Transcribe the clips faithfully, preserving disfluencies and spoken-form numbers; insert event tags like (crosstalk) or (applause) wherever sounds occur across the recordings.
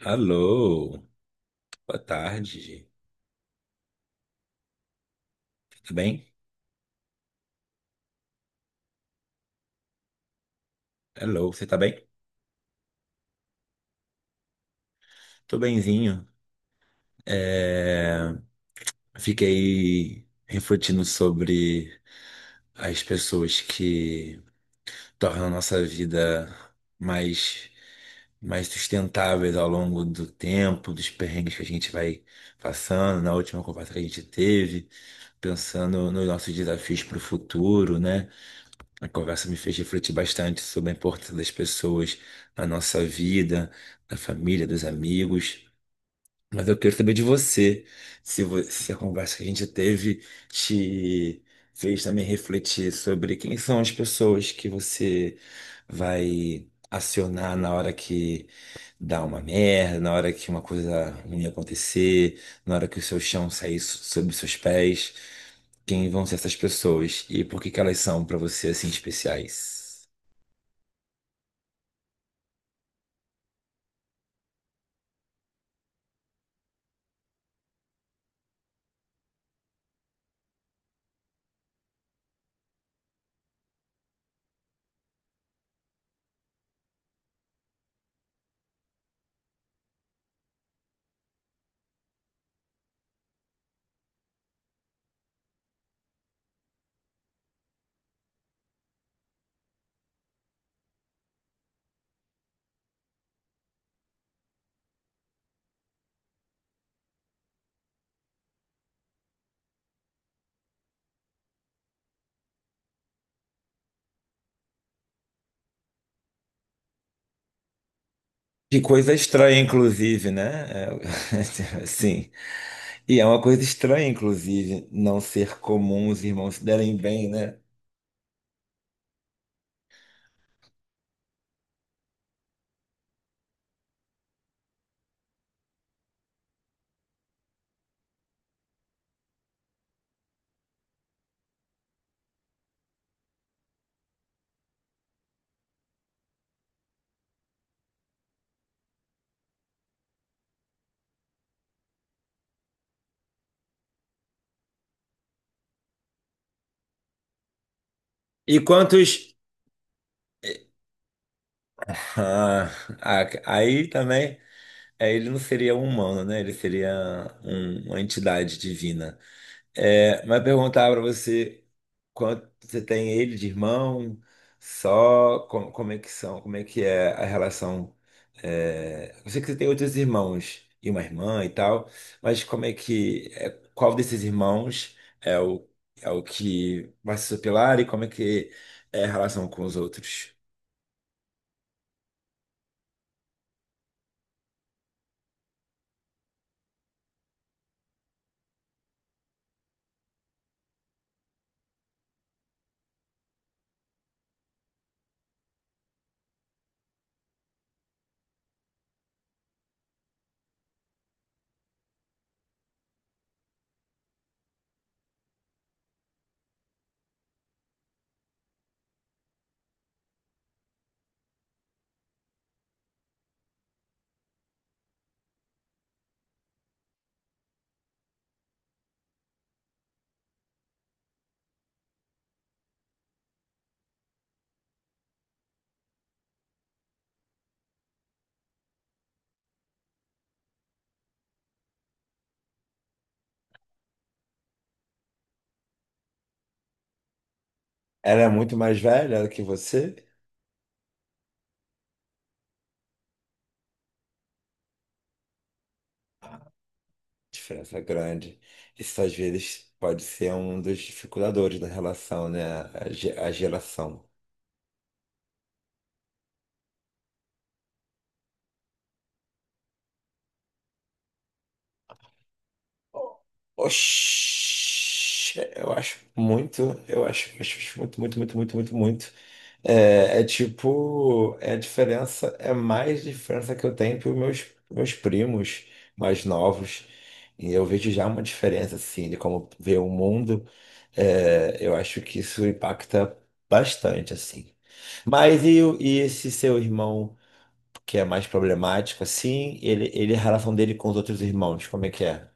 Alô, boa tarde. Tudo bem? Alô, você tá bem? Tô benzinho. É, Fiquei refletindo sobre as pessoas que tornam a nossa vida mais, mais sustentáveis ao longo do tempo, dos perrengues que a gente vai passando, na última conversa que a gente teve, pensando nos nossos desafios para o futuro, né? A conversa me fez refletir bastante sobre a importância das pessoas na nossa vida, da família, dos amigos. Mas eu quero saber de você, se, vo- se a conversa que a gente teve te fez também refletir sobre quem são as pessoas que você vai acionar na hora que dá uma merda, na hora que uma coisa ruim acontecer, na hora que o seu chão sair so- sob seus pés. Quem vão ser essas pessoas e por que que elas são para você assim especiais? Que coisa estranha, inclusive, né? É, (laughs) assim. E é uma coisa estranha, inclusive, não ser comum os irmãos se derem bem, né? E quantos. Ah, a- aí também, é, ele não seria um humano, né? Ele seria um- uma entidade divina. É, mas perguntar para você quanto você tem ele de irmão, só como, como é que são, como é que é a relação. É, eu sei que você tem outros irmãos e uma irmã e tal, mas como é que é, qual desses irmãos é o é o que vai se superar e como é que é a relação com os outros? Ela é muito mais velha do que você? Diferença grande. Isso às vezes pode ser um dos dificultadores da relação, né? A, ge- a geração. Oxi, eu acho muito, eu acho, acho acho muito, muito, muito, muito, muito, muito. É, é tipo, é a diferença, é mais diferença que eu tenho para meus, meus primos mais novos. E eu vejo já uma diferença, assim, de como vê o mundo. É, eu acho que isso impacta bastante, assim. Mas e, o- e esse seu irmão, que é mais problemático, assim, ele, ele, a relação dele com os outros irmãos, como é que é?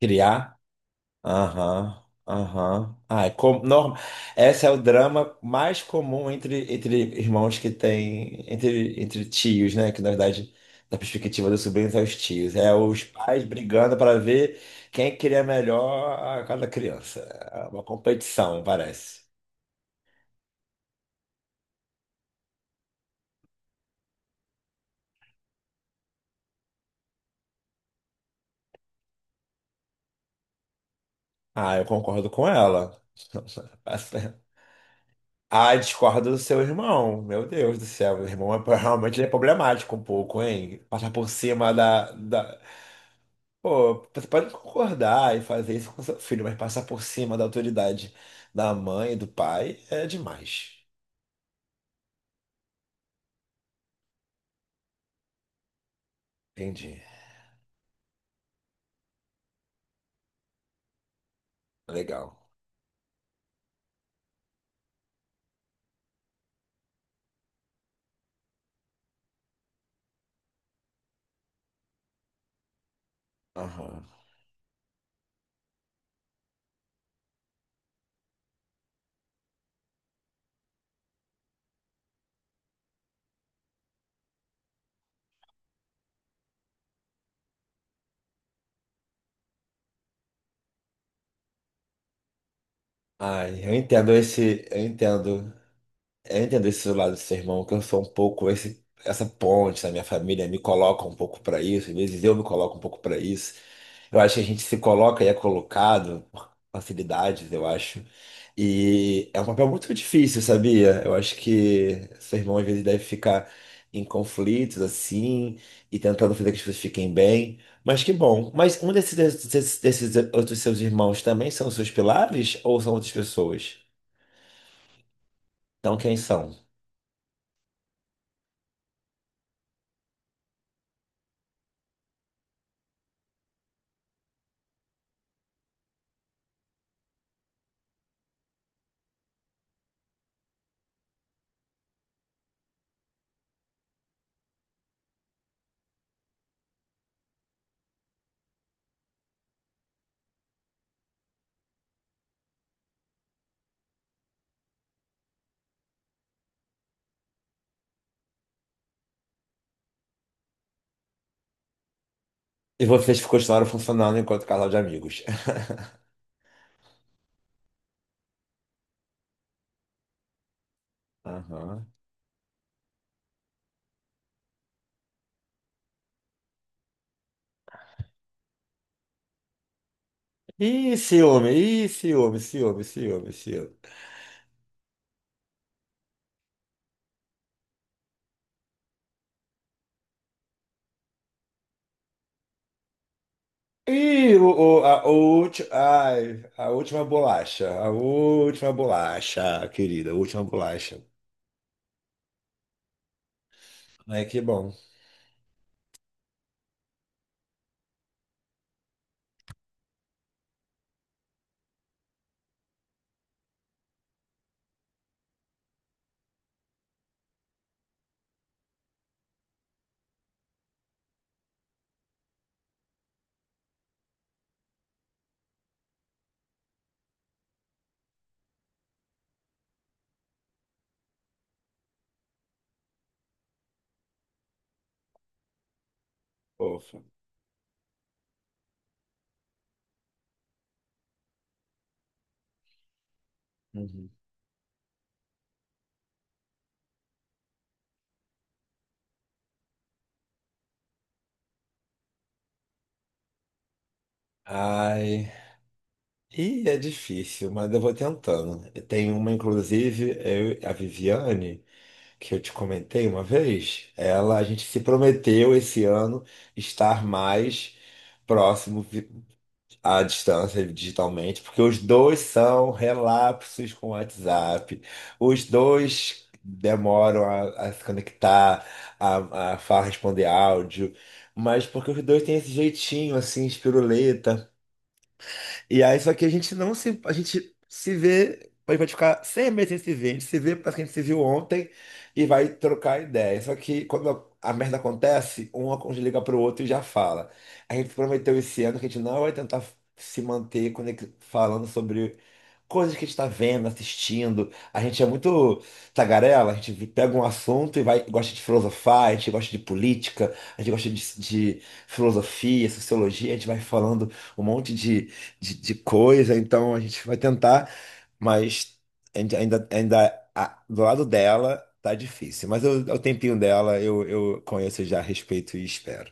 Criar? Aham, aham. Ai, com, norma, essa é o drama mais comum entre, entre irmãos que tem, entre, entre tios, né? Que na verdade, da perspectiva dos sobrinhos, é os tios. É os pais brigando para ver quem cria melhor a cada criança. É uma competição, parece. Ah, eu concordo com ela. (laughs) Ah, discordo do seu irmão. Meu Deus do céu, meu irmão é, realmente ele é problemático um pouco, hein? Passar por cima da, da, pô, você pode concordar e fazer isso com seu filho, mas passar por cima da autoridade da mãe e do pai é demais. Entendi. Legal. Aham. Ai, eu entendo esse, eu entendo, eu entendo esse lado do seu irmão, que eu sou um pouco esse, essa ponte na minha família, me coloca um pouco pra isso, às vezes eu me coloco um pouco pra isso. Eu acho que a gente se coloca e é colocado por facilidades, eu acho. E é um papel muito difícil, sabia? Eu acho que seu irmão às vezes deve ficar em conflitos assim e tentando fazer que as pessoas fiquem bem. Mas que bom. Mas um desses, desses, desses outros seus irmãos também são seus pilares ou são outras pessoas? Então quem são? E vocês continuaram funcionando enquanto casal de amigos. (laughs) Aham. Ih, ciúme, ih, ciúme, ciúme, ciúme, ciúme. Ih, o, o- a, o ulti- ai, A última bolacha, a última bolacha, querida, a última bolacha. Ai, que bom, fofa. Uhum. Ai, ih, é difícil, mas eu vou tentando. Tem uma, inclusive, eu- a Viviane, que eu te comentei uma vez, ela, a gente se prometeu esse ano estar mais próximo à distância digitalmente, porque os dois são relapsos com o WhatsApp, os dois demoram a, a se conectar, a, a fa- responder áudio, mas porque os dois têm esse jeitinho assim, espiruleta. E aí, só que a gente não se. A gente se vê. A gente vai ficar cem meses sem se ver. A gente se vê, parece que a gente se viu ontem e vai trocar ideia. Só que quando a, a merda acontece, um liga pro outro e já fala. A gente prometeu esse ano que a gente não vai tentar se manter conec- falando sobre coisas que a gente tá vendo, assistindo. A gente é muito tagarela, a gente vi- pega um assunto e vai, gosta de filosofar, a gente gosta de política, a gente gosta de, de filosofia, sociologia, a gente vai falando um monte de de, de coisa, então a gente vai tentar, mas a gente ainda, ainda a- do lado dela tá difícil. Mas eu- é o tempinho dela eu, eu conheço já, respeito e espero.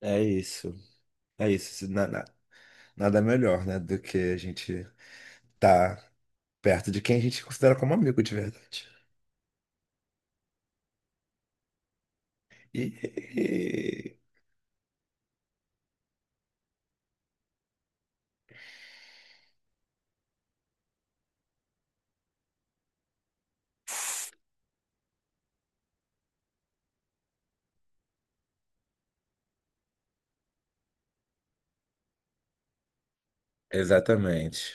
É isso, é isso. Na- na- Nada melhor, né, do que a gente tá perto de quem a gente considera como amigo de verdade. E... Exatamente.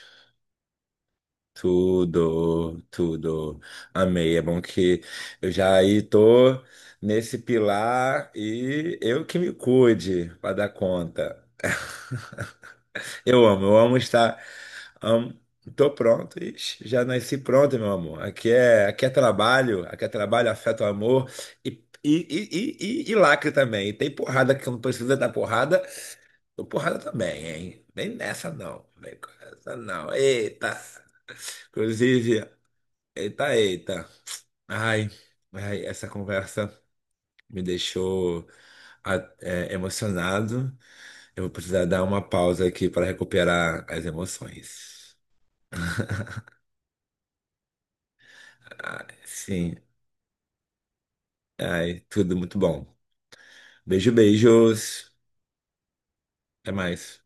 Tudo, tudo. Amei. É bom que eu já aí tô nesse pilar e eu que me cuide para dar conta. Eu amo, eu amo estar. Amo, tô pronto, ixi, já nasci pronto, meu amor. Aqui é, aqui é trabalho, aqui é trabalho, afeto, amor e, e, e, e, e e lacre também. E tem porrada que não precisa dar porrada, tô porrada também, hein? Vem nessa não, vem com essa não. Eita! Inclusive, eita, eita. Ai, ai, essa conversa me deixou a- é, emocionado. Eu vou precisar dar uma pausa aqui para recuperar as emoções. Ai, sim, ai, tudo muito bom. Beijo, beijos. Até mais.